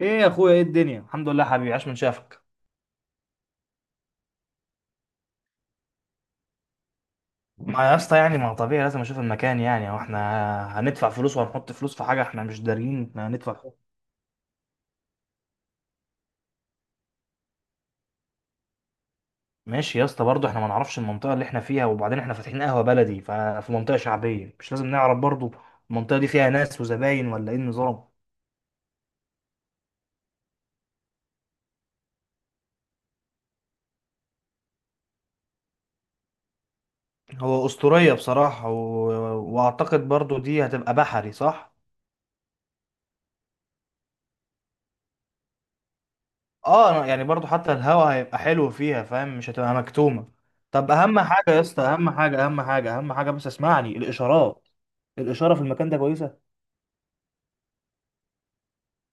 ايه يا اخويا، ايه الدنيا، الحمد لله، حبيبي، عاش من شافك. ما يا اسطى يعني ما طبيعي، لازم اشوف المكان، يعني هو احنا هندفع فلوس وهنحط فلوس في حاجه احنا مش دارين احنا هندفع فيها. ماشي يا اسطى، برضه احنا ما نعرفش المنطقه اللي احنا فيها، وبعدين احنا فاتحين قهوه بلدي ففي منطقه شعبيه، مش لازم نعرف برضه؟ المنطقه دي فيها ناس وزباين ولا ايه النظام؟ هو اسطوريه بصراحه واعتقد برضه دي هتبقى بحري، صح؟ يعني برضو حتى الهوا هيبقى حلو فيها، فاهم؟ مش هتبقى مكتومة. طب اهم حاجة يا اسطى، اهم حاجة، اهم حاجة، اهم حاجة، بس اسمعني، الاشارات، الاشارة في المكان ده كويسة؟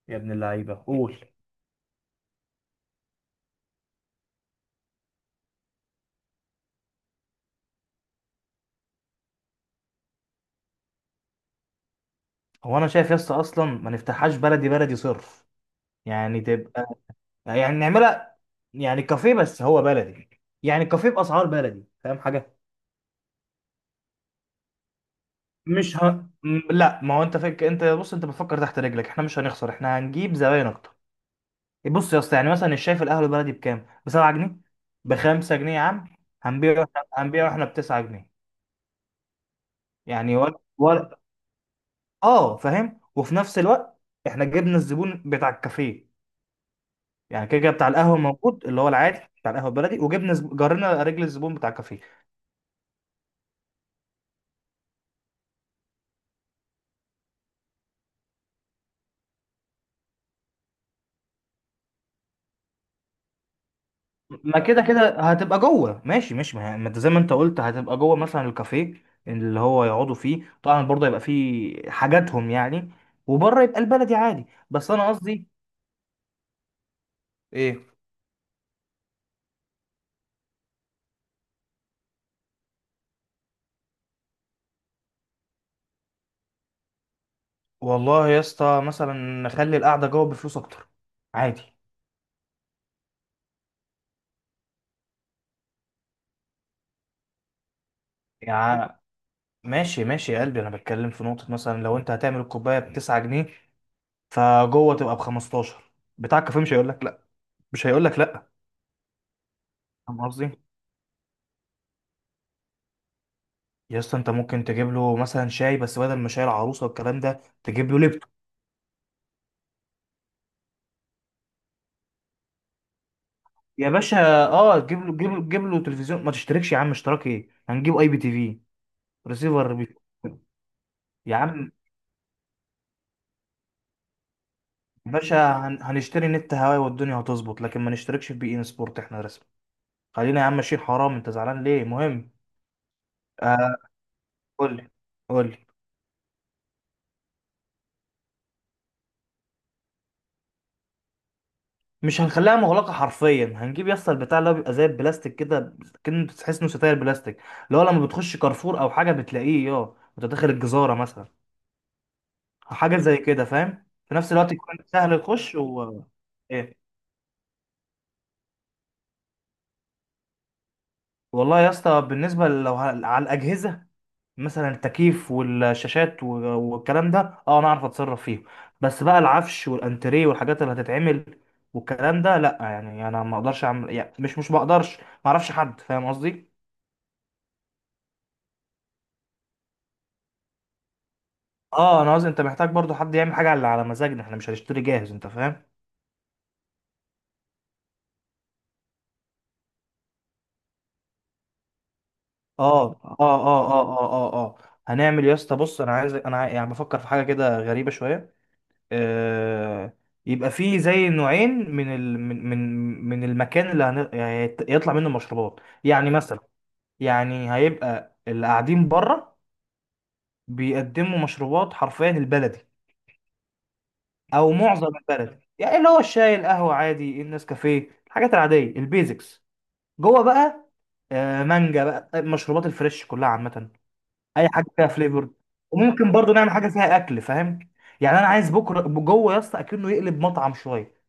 يا ابن اللعيبة قول. هو انا شايف يا اسطى اصلا ما نفتحهاش بلدي بلدي صرف، يعني تبقى، يعني نعملها، يعني كافيه بس هو بلدي، يعني كافيه باسعار بلدي، فاهم حاجة؟ مش ه... م- لا، ما هو انت فك... انت بص، انت بتفكر تحت رجلك، احنا مش هنخسر، احنا هنجيب زباين اكتر. بص يا اسطى، يعني مثلا الشاي في القهوه البلدي بكام؟ ب 7 جنيه، ب 5 جنيه يا عم. هنبيعه هنبيعه احنا ب 9 جنيه. يعني ولا ولا، اه فاهم، وفي نفس الوقت احنا جبنا الزبون بتاع الكافيه، يعني كده كده بتاع القهوه موجود اللي هو العادي بتاع القهوه البلدي، جرينا رجل الزبون بتاع الكافيه. ما كده كده هتبقى جوه، ماشي ماشي، ما انت زي ما انت قلت هتبقى جوه مثلا الكافيه اللي هو يقعدوا فيه طبعا، برضه هيبقى فيه حاجاتهم يعني، وبره يبقى البلدي عادي، بس انا قصدي... ايه؟ والله يا اسطى مثلا نخلي القعده جوه بفلوس اكتر، عادي. يعني ماشي ماشي يا قلبي، انا بتكلم في نقطه، مثلا لو انت هتعمل الكوبايه ب 9 جنيه، فجوه تبقى ب 15، بتاع الكافيه مش هيقول لك لا، مش هيقول لك لا. فاهم قصدي؟ يا اسطى انت ممكن تجيب له مثلا شاي بس بدل ما شاي العروسه والكلام ده تجيب له لابتوب. يا باشا، اه تجيب له تلفزيون، ما تشتركش يا عم، اشتراك ايه؟ هنجيب اي بي تي في ريسيفر بي. يا عم، باشا، هنشتري نت هواي والدنيا هتظبط، لكن ما نشتركش في بي ان سبورت، احنا رسمي. خلينا يا عم ماشيين، حرام، انت زعلان ليه؟ مهم. آه، قول لي، قول لي. مش هنخليها مغلقه حرفيا، هنجيب يا اسطى البتاع اللي هو بيبقى زي البلاستيك كده، كأنه تحس انه ستاير بلاستيك، اللي هو لما بتخش كارفور او حاجه بتلاقيه، يا وانت داخل الجزاره مثلا، حاجه زي كده، فاهم؟ في نفس الوقت يكون سهل الخش و... ايه؟ والله يا اسطى بالنسبه على الاجهزه، مثلا التكييف والشاشات و... والكلام ده، اه انا اعرف اتصرف فيه، بس بقى العفش والانتريه والحاجات اللي هتتعمل والكلام ده، لا يعني انا ما اقدرش اعمل، يعني مش بقدرش، ما اعرفش حد، فاهم قصدي؟ اه، انا قصدي انت محتاج برضو حد يعمل حاجه على على مزاجنا، احنا مش هنشتري جاهز، انت فاهم؟ اه، اه، اه، اه، اه، اه، اه. هنعمل يا اسطى، بص، انا عايز انا عاي- يعني بفكر في حاجه كده غريبه شويه. آه، يبقى فيه زي نوعين من ال... من من من المكان اللي يطلع منه المشروبات، يعني مثلا... يعني هيبقى اللي قاعدين بره بيقدموا مشروبات حرفيا البلدي، او معظم البلدي، يعني اللي هو الشاي، القهوه عادي، النسكافيه، الحاجات العاديه، البيزكس. جوه بقى، مانجا بقى، المشروبات الفريش كلها عامه، اي حاجه فيها فليفر. وممكن برضو نعمل حاجه فيها اكل، فاهم؟ يعني انا عايز بكره جوه يا اسطى اكنه يقلب مطعم شويه.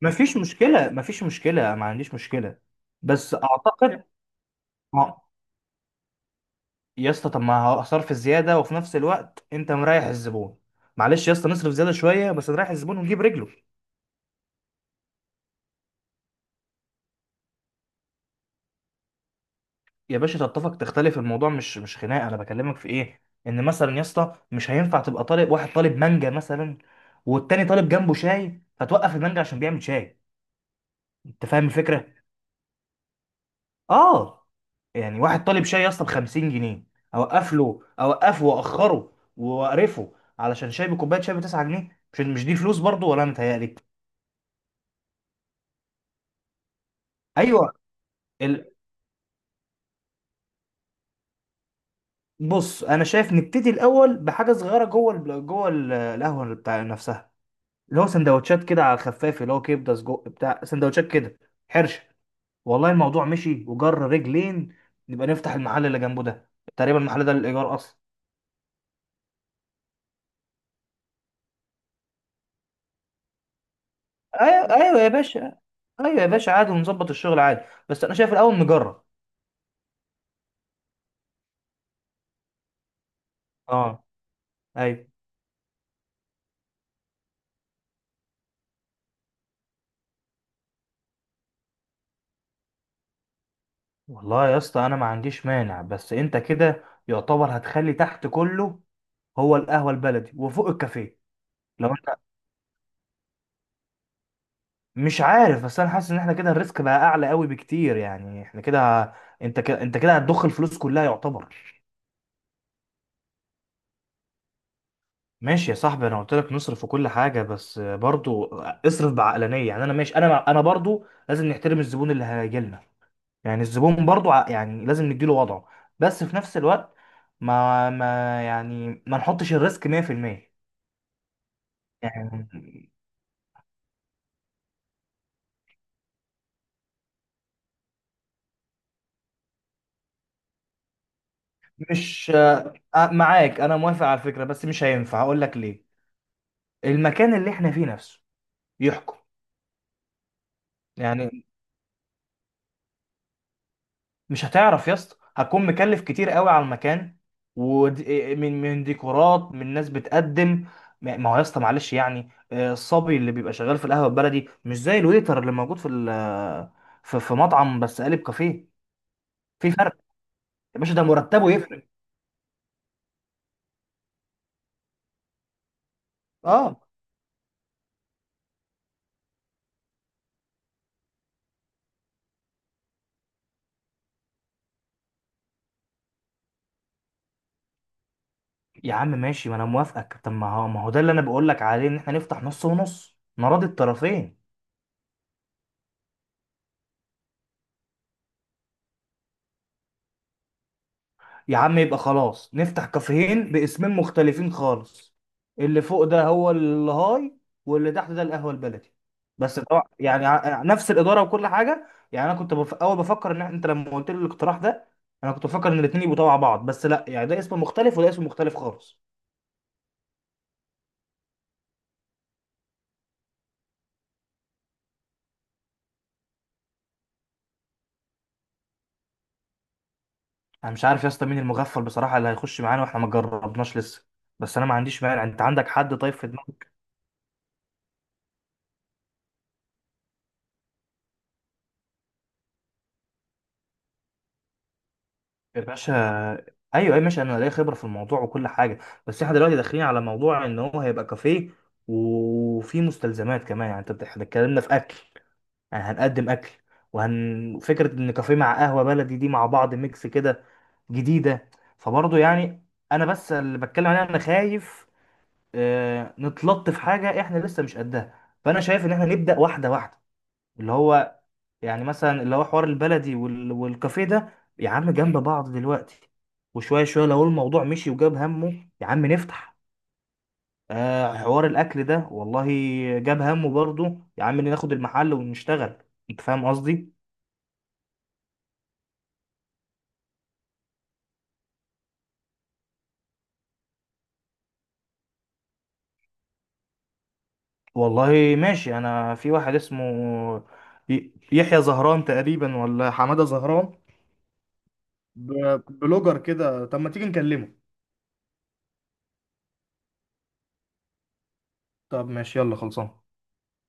مفيش مشكلة، مفيش مشكلة، ما عنديش مشكلة. بس أعتقد... ما يا اسطى طب ما هصرف الزيادة وفي نفس الوقت أنت مريح الزبون، معلش يا اسطى نصرف زيادة شوية بس نريح الزبون ونجيب رجله. يا باشا، تتفق تختلف، الموضوع مش خناقة، أنا بكلمك في إيه؟ إن مثلا يا اسطى مش هينفع تبقى طالب واحد طالب مانجا مثلا، والتاني طالب جنبه شاي، فتوقف المانجا عشان بيعمل شاي، أنت فاهم الفكرة؟ اه يعني واحد طالب شاي يا اسطى ب 50 جنيه، اوقف له، اوقفه، واخره، واقرفه علشان شاي، بكوبايه شاي ب 9 جنيه؟ مش دي فلوس برضو؟ ولا أنا متهيألي؟ ايوه، ال... بص انا شايف نبتدي الاول بحاجه صغيره جوه القهوه اللي بتاع نفسها، اللي هو سندوتشات كده على الخفاف، اللي هو كبده، سجق، بتاع سندوتشات كده، حرشه. والله الموضوع مشي وجر رجلين، نبقى نفتح المحل اللي جنبه ده، تقريبا المحل ده للايجار اصلا. ايوه، ايوه يا باشا، ايوه يا باشا عادي، ونظبط الشغل عادي، بس انا شايف الاول نجرب. اه، ايوه والله يا اسطى انا ما عنديش مانع، بس انت كده يعتبر هتخلي تحت كله هو القهوه البلدي وفوق الكافيه. لو انت... مش عارف، بس انا حاسس ان احنا كده الريسك بقى اعلى قوي بكتير، يعني احنا كده، انت كده هتضخ الفلوس كلها يعتبر. ماشي يا صاحبي، انا قلت لك نصرف في كل حاجه، بس برضو اصرف بعقلانيه، يعني انا ماشي، انا برضو لازم نحترم الزبون اللي هيجي لنا، يعني الزبون برضو يعني لازم نديله وضعه، بس في نفس الوقت ما يعني ما نحطش الريسك 100%. يعني مش... معاك، انا موافق على الفكرة، بس مش هينفع، هقول لك ليه، المكان اللي احنا فيه نفسه يحكم. يعني مش هتعرف يا اسطى، هتكون مكلف كتير قوي على المكان، ومن ديكورات، من ناس بتقدم. ما هو يا اسطى معلش، يعني الصبي اللي بيبقى شغال في القهوه البلدي مش زي الويتر اللي موجود في ال- في في مطعم بس قالب كافيه، في فرق، يا باشا ده مرتبه يفرق. اه يا عم ماشي، ما انا موافقك، طب ما هو ده اللي انا بقول لك عليه، ان احنا نفتح نص ونص، نراضي الطرفين. يا عم يبقى خلاص نفتح كافيهين باسمين مختلفين خالص، اللي فوق ده هو الهاي، واللي تحت ده القهوة البلدي. بس طبعا يعني نفس الإدارة وكل حاجة، يعني أنا كنت بف... أول بفكر إن إحنا- أنت لما قلت لي الاقتراح ده، أنا كنت بفكر إن الاتنين يبقوا تبع بعض، بس لا، يعني ده اسم مختلف وده اسم مختلف خالص. أنا مش عارف يا اسطى مين المغفل بصراحة اللي هيخش معانا وإحنا ما جربناش لسه، بس أنا ما عنديش مانع، أنت عندك حد طيب في دماغك؟ يا باشا، ايوه، اي ماشي، انا ليا خبره في الموضوع وكل حاجه، بس احنا دلوقتي داخلين على موضوع ان هو هيبقى كافيه، وفي مستلزمات كمان يعني، اتكلمنا في اكل، يعني هنقدم اكل، وهن فكره ان كافيه مع قهوه بلدي دي مع بعض ميكس كده جديده، فبرضه يعني، انا بس اللي بتكلم عليه، انا خايف نتلط في حاجه احنا لسه مش قدها، فانا شايف ان احنا نبدا واحده واحده، اللي هو يعني مثلا اللي هو حوار البلدي والكافيه ده، يا عم، جنب بعض دلوقتي، وشوية شوية لو الموضوع مشي وجاب همه، يا عم نفتح، آه حوار الأكل ده، والله جاب همه برضه، يا عم ناخد المحل ونشتغل، أنت فاهم قصدي؟ والله ماشي، أنا في واحد اسمه، يحيى زهران تقريبا، ولا حمادة زهران، بلوجر كده، طب ما تيجي نكلمه. طب ماشي، يلا خلصان.